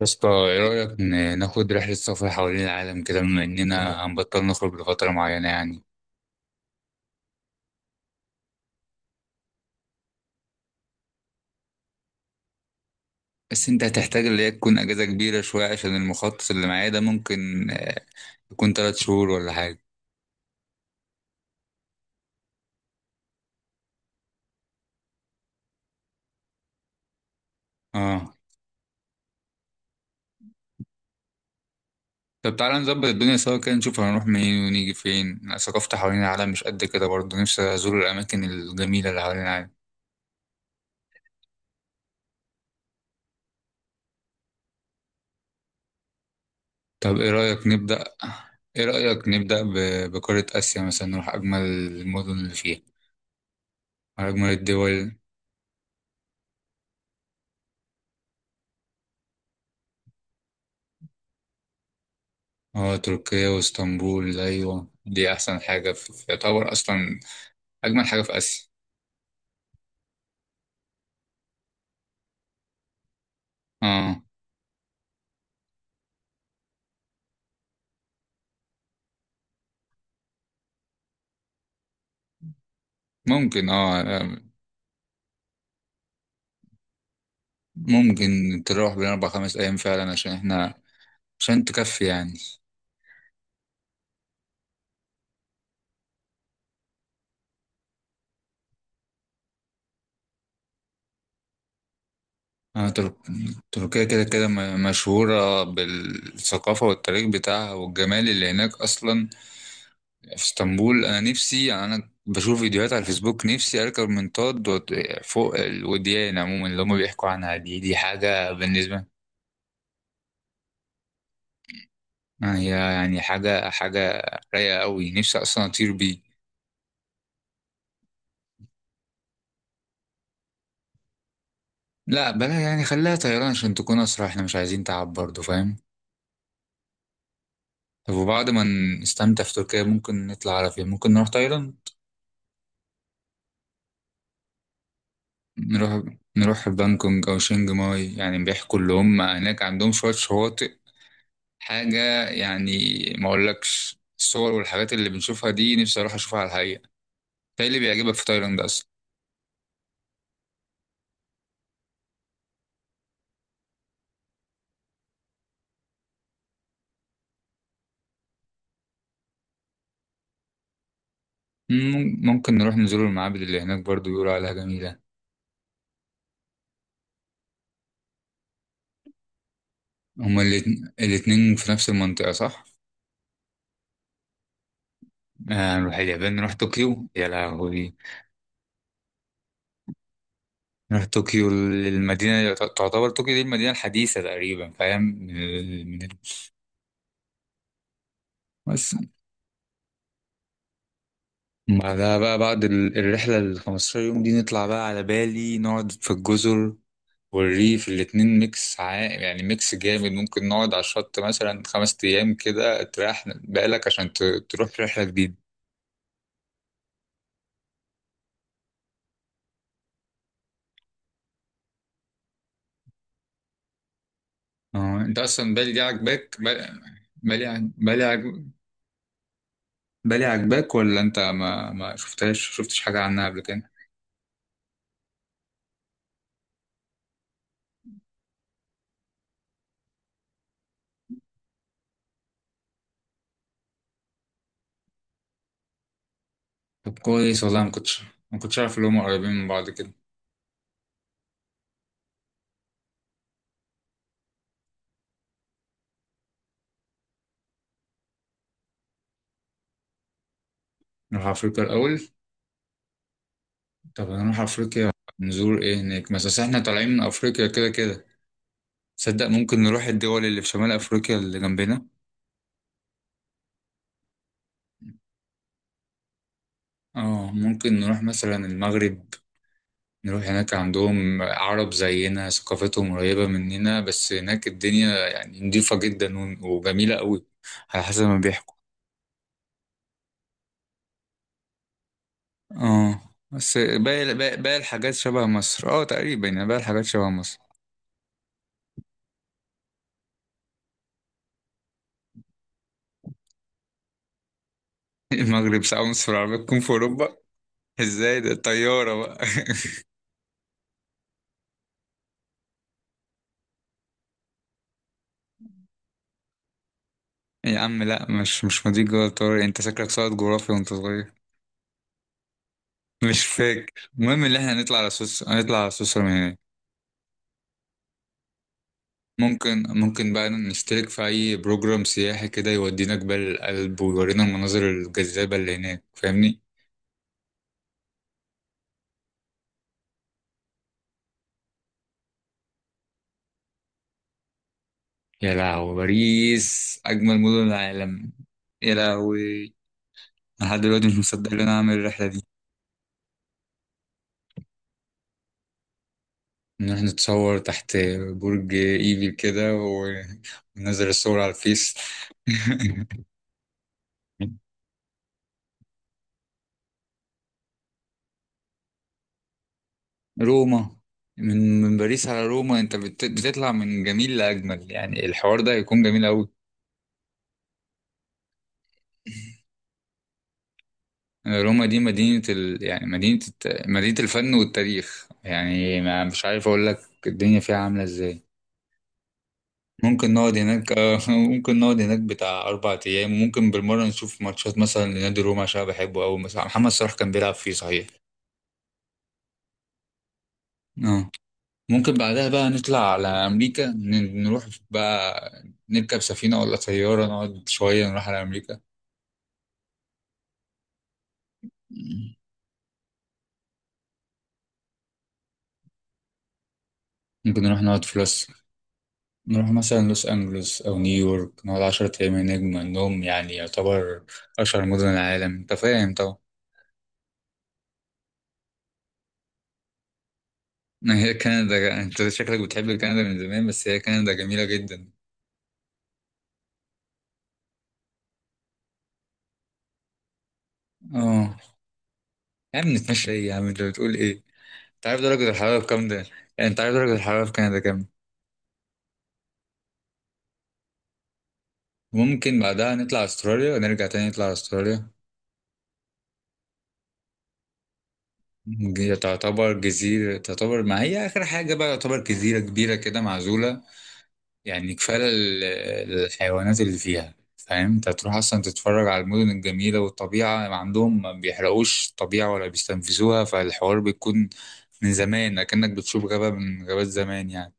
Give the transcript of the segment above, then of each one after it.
يا اسطى، ايه رأيك ناخد رحلة سفر حوالين العالم كده، بما اننا هنبطل نخرج لفترة معينة يعني؟ بس انت هتحتاج اللي هي تكون اجازة كبيرة شوية، عشان المخطط اللي معايا ده ممكن يكون 3 شهور ولا حاجة. اه، طب تعالى نظبط الدنيا سوا كده، نشوف هنروح منين ونيجي فين. أنا ثقافتي حوالين العالم مش قد كده برضه، نفسي ازور الاماكن الجميلة اللي حوالين العالم. طب ايه رأيك نبدأ بقارة اسيا مثلا، نروح اجمل المدن اللي فيها، أجمل الدول. اه، تركيا واسطنبول، ايوه دي احسن حاجه يعتبر اصلا اجمل حاجه في اسيا. اه، ممكن. ممكن تروح بين اربع خمس ايام فعلا، عشان تكفي يعني. اه، تركيا كده كده مشهوره بالثقافه والتاريخ بتاعها والجمال اللي هناك اصلا. في اسطنبول انا نفسي، يعني انا بشوف فيديوهات على الفيسبوك، نفسي اركب منطاد فوق الوديان، عموما اللي هم بيحكوا عنها دي حاجه بالنسبه. هي يعني حاجة رايقة قوي، نفسي أصلا أطير بيه. لا بلا يعني، خليها طيران عشان تكون أسرع، احنا مش عايزين تعب برضه، فاهم؟ طب وبعد ما نستمتع في تركيا، ممكن نطلع على فين؟ ممكن نروح تايلاند. نروح بانكونج أو شينج ماي، يعني بيحكوا اللي هم هناك عندهم شوية شواطئ حاجة يعني. ما أقولكش الصور والحاجات اللي بنشوفها دي، نفسي أروح أشوفها على الحقيقة. ده اللي بيعجبك في تايلاند أصلا؟ ممكن نروح نزور المعابد اللي هناك، برضه بيقولوا عليها جميلة. هما الاتنين في نفس المنطقة، صح؟ نروح اليابان، نروح طوكيو، يا لهوي. نروح طوكيو المدينة، تعتبر طوكيو دي المدينة الحديثة تقريبا، فاهم؟ بس بعدها بقى، بعد الرحلة ال 15 يوم دي، نطلع بقى على بالي نقعد في الجزر والريف، الاتنين ميكس عائم، يعني ميكس جامد. ممكن نقعد على الشط مثلا 5 أيام كده تريح بالك عشان تروح في رحلة جديدة. اه، انت اصلا بالي دي عاجباك، بالي عاجباك. بالي عجباك، ولا انت ما شفتش حاجة عنها قبل كده؟ طب كويس والله، ما كنتش عارف اللي هم قريبين من بعض كده. نروح افريقيا الاول. طب هنروح افريقيا نزور ايه هناك؟ بس أصل احنا طالعين من افريقيا كده كده، تصدق ممكن نروح الدول اللي في شمال افريقيا اللي جنبنا. اه، ممكن نروح مثلا المغرب. نروح هناك، عندهم عرب زينا، ثقافتهم قريبة مننا، بس هناك الدنيا يعني نضيفة جدا وجميلة قوي، على حسب ما بيحكوا. اه، بس باقي الحاجات شبه مصر، اه تقريبا، يعني باقي الحاجات شبه مصر. المغرب ساعة ونص في العربية تكون في أوروبا؟ ازاي ده؟ الطيارة بقى! يا عم لا، مش مضيق جوه الطيارة يعني، انت شكلك ساقط جغرافيا وانت صغير. مش فاكر المهم، اللي احنا نطلع على سويسرا، هنطلع على سويسرا من هناك. ممكن بقى نشترك في أي بروجرام سياحي كده يودينا جبال الألب ويورينا المناظر الجذابة اللي هناك، فاهمني؟ يا لهوي، باريس أجمل مدن العالم. يا لهوي، أنا لحد دلوقتي مش مصدق إن أنا أعمل الرحلة دي. نروح نتصور تحت برج ايفل كده وننزل الصور على الفيس. روما! من باريس على روما، أنت بتطلع من جميل لأجمل، يعني الحوار ده هيكون جميل أوي. روما دي يعني مدينة الفن والتاريخ، يعني ما مش عارف أقول لك الدنيا فيها عاملة إزاي. ممكن نقعد هناك ممكن نقعد هناك بتاع 4 أيام، وممكن بالمرة نشوف ماتشات مثلا لنادي روما عشان أنا بحبه أوي، مثلا محمد صلاح كان بيلعب فيه صحيح. اه، ممكن بعدها بقى نطلع على أمريكا، نروح بقى نركب سفينة ولا طيارة، نقعد شوية نروح على أمريكا. ممكن نروح نقعد في لوس، نروح مثلا لوس أنجلوس أو نيويورك، نقعد 10 أيام هناك، بما إنهم يعني يعتبر أشهر مدن العالم، أنت فاهم طبعا. ما هي كندا، انت شكلك بتحب كندا من زمان، بس هي كندا جميلة جدا. اه، يا عم نتمشى ايه، يا عم انت بتقول ايه؟ انت عارف درجة الحرارة بكام ده؟ يعني انت عارف درجة الحرارة في كندا كام؟ ممكن بعدها نطلع استراليا، ونرجع تاني نطلع استراليا. هي تعتبر جزيرة، تعتبر ما هي آخر حاجة بقى، تعتبر جزيرة كبيرة كده معزولة. يعني كفاية الحيوانات اللي فيها، فاهم انت هتروح اصلا تتفرج على المدن الجميلة والطبيعة، ما عندهم ما بيحرقوش الطبيعة ولا بيستنفذوها، فالحوار بيكون من زمان كأنك بتشوف غابة من غابات زمان يعني.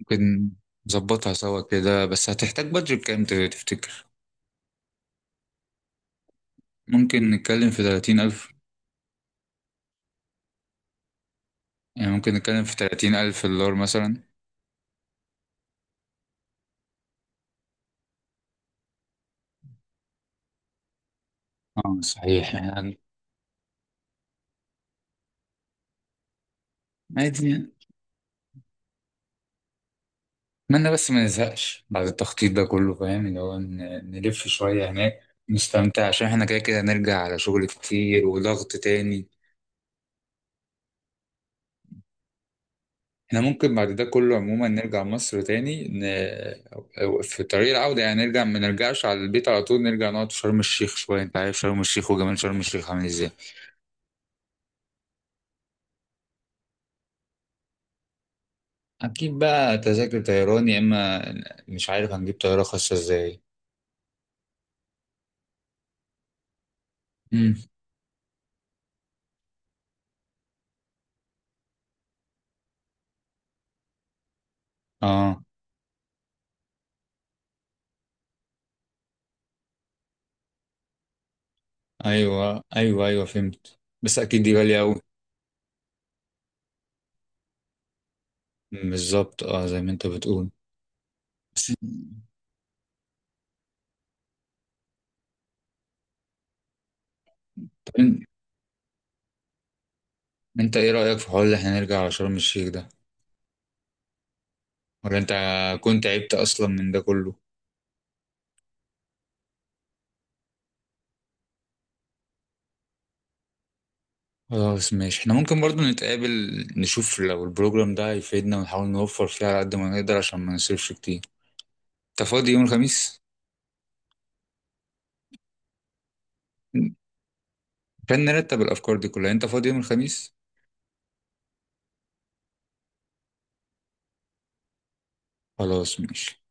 ممكن نظبطها سوا كده، بس هتحتاج بادجت كام تفتكر؟ ممكن نتكلم في 30,000. يعني ممكن نتكلم في 30,000 دولار مثلا. اه صحيح يعني، عادي يعني. أتمنى بس ما نزهقش بعد التخطيط ده كله، فاهم اللي هو نلف شوية هناك، نستمتع عشان احنا كده كده هنرجع على شغل كتير وضغط تاني. احنا ممكن بعد ده كله عموما نرجع مصر تاني، في طريق العودة يعني نرجع، ما نرجعش على البيت على طول، نرجع نقعد في شرم الشيخ شوية، انت عارف شرم الشيخ وجمال شرم الشيخ عامل ازاي. اكيد بقى تذاكر طيران، يا اما مش عارف هنجيب طياره خاصه ازاي. امم اه، ايوه ايوه ايوه فهمت، بس اكيد دي غاليه قوي. بالظبط، اه زي ما انت بتقول. بس طب، انت ايه رايك في حوار ان احنا نرجع على شرم الشيخ ده، ولا انت كنت عبت اصلا من ده كله؟ خلاص ماشي، احنا ممكن برضو نتقابل، نشوف لو البروجرام ده هيفيدنا، ونحاول نوفر فيه على قد ما نقدر عشان ما نصرفش كتير. انت فاضي يوم الخميس؟ عشان نرتب الافكار دي كلها. انت فاضي يوم الخميس؟ خلاص ماشي.